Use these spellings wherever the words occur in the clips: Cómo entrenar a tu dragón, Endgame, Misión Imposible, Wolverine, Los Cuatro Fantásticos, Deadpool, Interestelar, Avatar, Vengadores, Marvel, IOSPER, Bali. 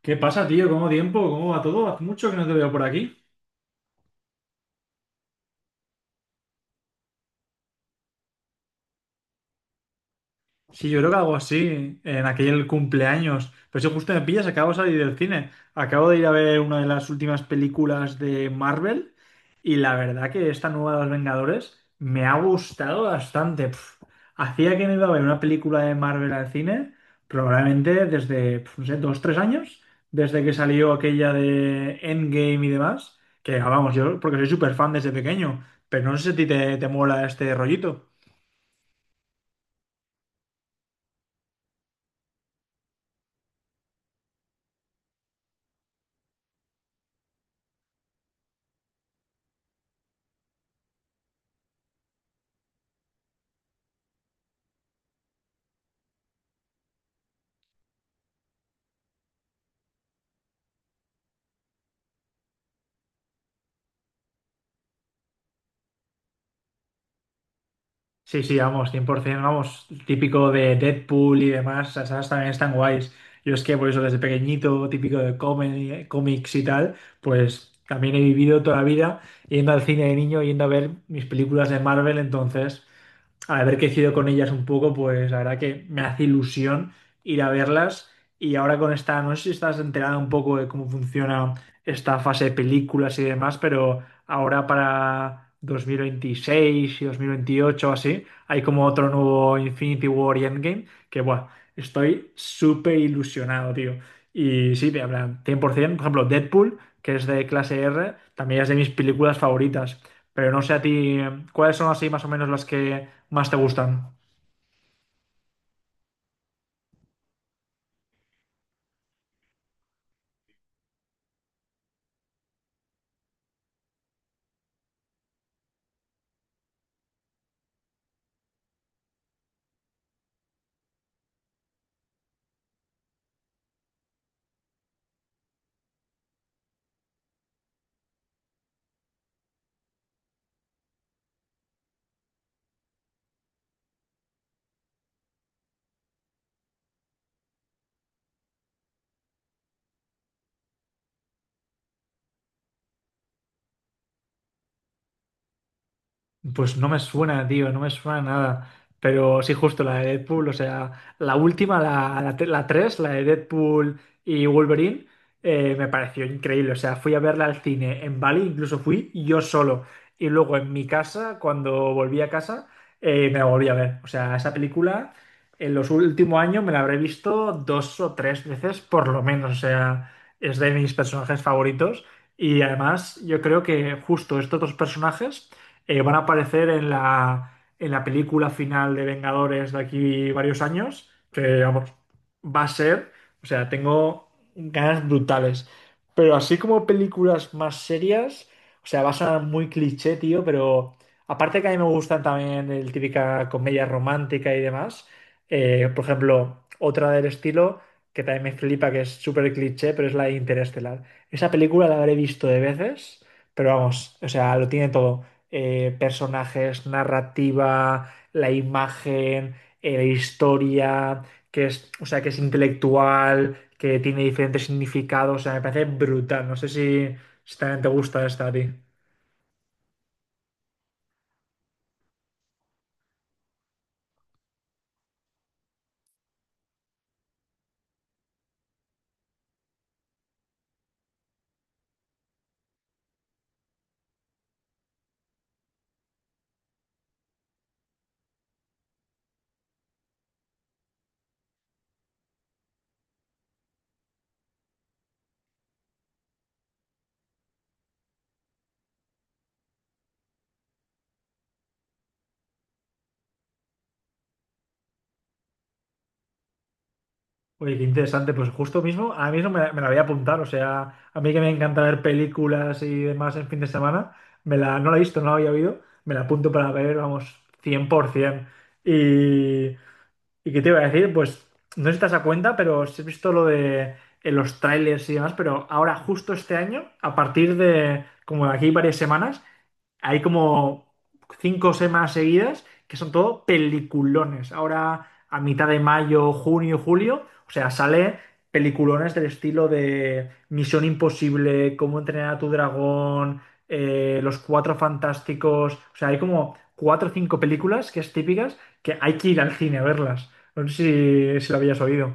¿Qué pasa, tío? ¿Cómo tiempo? ¿Cómo va todo? Hace mucho que no te veo por aquí. Sí, yo creo que algo así, en aquel cumpleaños. Pero si justo me pillas, acabo de salir del cine. Acabo de ir a ver una de las últimas películas de Marvel y la verdad que esta nueva de los Vengadores me ha gustado bastante. Hacía que no iba a ver una película de Marvel al cine, probablemente desde, no sé, 2, 3 años, desde que salió aquella de Endgame y demás. Que vamos, yo porque soy súper fan desde pequeño, pero no sé si a ti te mola este rollito. Sí, sí, vamos, 100%, vamos, típico de Deadpool y demás, esas también están guays. Yo es que por eso desde pequeñito, típico de cómics y tal, pues también he vivido toda la vida yendo al cine de niño, yendo a ver mis películas de Marvel, entonces haber crecido con ellas un poco, pues la verdad que me hace ilusión ir a verlas. Y ahora con esta, no sé si estás enterada un poco de cómo funciona esta fase de películas y demás, pero ahora para 2026 y 2028 o así, hay como otro nuevo Infinity War y Endgame, que bueno, estoy súper ilusionado, tío. Y sí, te hablan 100%, por ciento, por ejemplo, Deadpool, que es de clase R, también es de mis películas favoritas. Pero no sé a ti, ¿cuáles son así más o menos las que más te gustan? Pues no me suena, tío, no me suena nada. Pero sí, justo la de Deadpool, o sea, la última, la 3, la de Deadpool y Wolverine, me pareció increíble. O sea, fui a verla al cine en Bali, incluso fui yo solo. Y luego en mi casa, cuando volví a casa, me la volví a ver. O sea, esa película en los últimos años me la habré visto 2 o 3 veces por lo menos. O sea, es de mis personajes favoritos. Y además, yo creo que justo estos dos personajes van a aparecer en la película final de Vengadores de aquí varios años, que vamos, va a ser, o sea, tengo ganas brutales. Pero así como películas más serias, o sea, va a sonar muy cliché, tío, pero aparte que a mí me gustan también el típica comedia romántica y demás, por ejemplo, otra del estilo que también me flipa, que es súper cliché, pero es la de Interestelar. Esa película la habré visto de veces, pero vamos, o sea, lo tiene todo personajes, narrativa, la imagen, la historia, que es, o sea, que es intelectual, que tiene diferentes significados. O sea, me parece brutal. No sé si también te gusta esta a ti. Oye, qué interesante. Pues justo mismo, ahora mismo me la voy a apuntar. O sea, a mí que me encanta ver películas y demás en fin de semana, no la he visto, no la había oído. Me la apunto para ver, vamos, 100%. Y, ¿Y qué te iba a decir? Pues no sé si te has dado cuenta, pero sí he visto lo de en los trailers y demás, pero ahora justo este año, a partir de como de aquí varias semanas, hay como cinco o seis más seguidas que son todo peliculones. Ahora, a mitad de mayo, junio, julio, o sea, sale peliculones del estilo de Misión Imposible, Cómo entrenar a tu dragón, Los Cuatro Fantásticos. O sea, hay como cuatro o cinco películas que es típicas que hay que ir al cine a verlas. No sé si lo habías oído.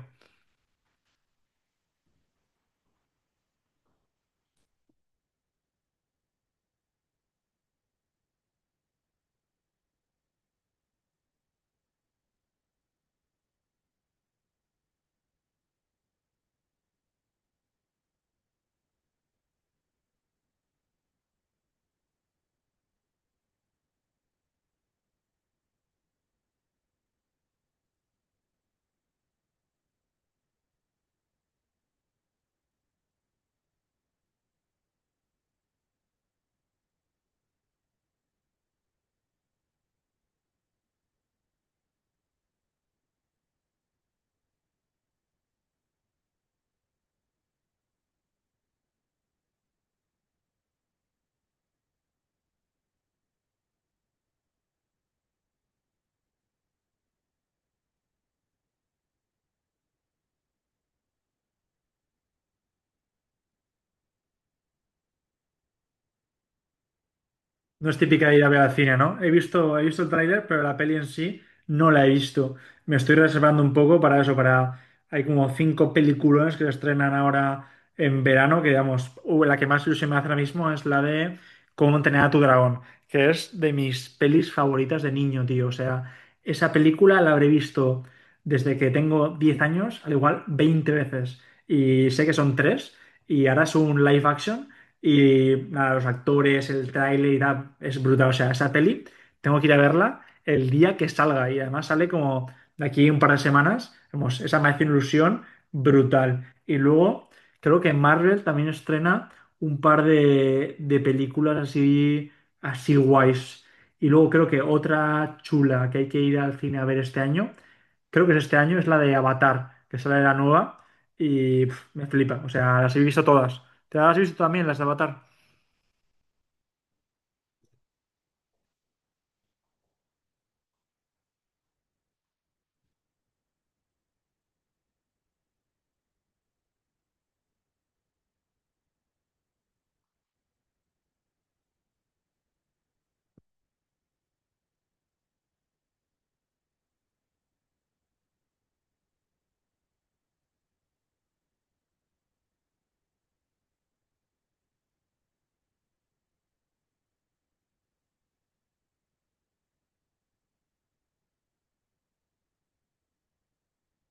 No es típica de ir a ver al cine, ¿no? He visto el tráiler, pero la peli en sí no la he visto. Me estoy reservando un poco para eso, para... Hay como cinco películas que se estrenan ahora en verano, que digamos, la que más ilusión me hace ahora mismo es la de Cómo entrenar a tu dragón, que es de mis pelis favoritas de niño, tío. O sea, esa película la habré visto desde que tengo 10 años, al igual 20 veces. Y sé que son tres, y ahora es un live action. Y nada, los actores, el tráiler y tal, es brutal. O sea, esa peli tengo que ir a verla el día que salga. Y además sale como de aquí un par de semanas. Vamos, esa me hace una ilusión brutal. Y luego creo que Marvel también estrena un par de películas así, así guays. Y luego creo que otra chula que hay que ir al cine a ver este año, creo que es este año, es la de Avatar, que sale la nueva. Y me flipa. O sea, las he visto todas. ¿Te las has visto también, las de Avatar?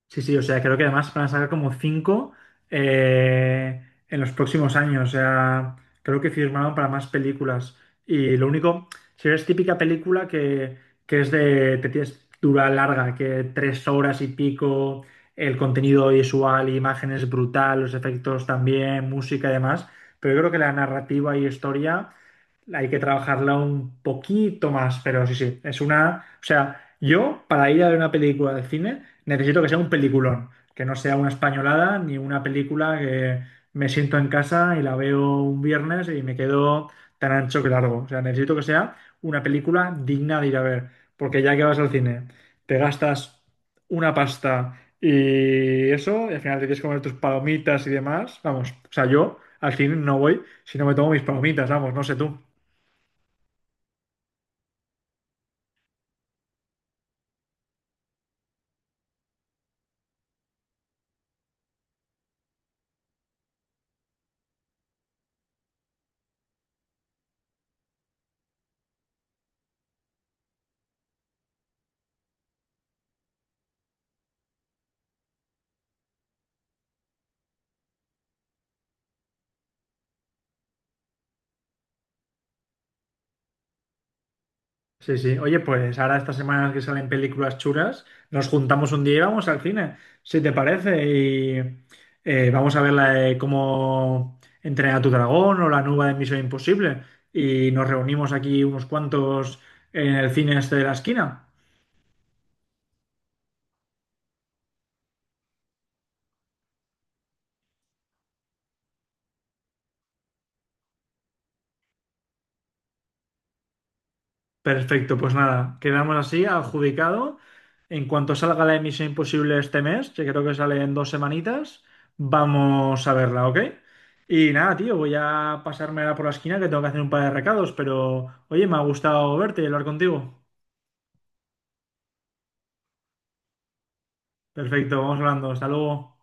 Sí, sí, o sea, creo que además van a sacar como cinco eh, en los próximos años. O sea, creo que firmaron para más películas. Y lo único, si es típica película que es de, te tienes dura larga, que 3 horas y pico, el contenido visual, imágenes brutal, los efectos también, música y demás. Pero yo creo que la narrativa y historia hay que trabajarla un poquito más, pero sí, sí, es una... O sea, yo para ir a ver una película de cine necesito que sea un peliculón, que no sea una españolada ni una película que me siento en casa y la veo un viernes y me quedo tan ancho que largo. O sea, necesito que sea una película digna de ir a ver, porque ya que vas al cine, te gastas una pasta y eso, y al final te tienes que comer tus palomitas y demás, vamos, o sea, yo al cine no voy si no me tomo mis palomitas, vamos, no sé tú. Sí, sí. Oye, pues ahora estas semanas que salen películas chulas, nos juntamos un día y vamos al cine, si te parece, y vamos a ver la de cómo entrenar a tu dragón o la nueva de Misión Imposible. Y nos reunimos aquí unos cuantos en el cine este de la esquina. Perfecto, pues nada, quedamos así, adjudicado. En cuanto salga la emisión Imposible este mes, que creo que sale en 2 semanitas, vamos a verla, ¿ok? Y nada, tío, voy a pasarme ahora por la esquina que tengo que hacer un par de recados, pero oye, me ha gustado verte y hablar contigo. Perfecto, vamos hablando, hasta luego.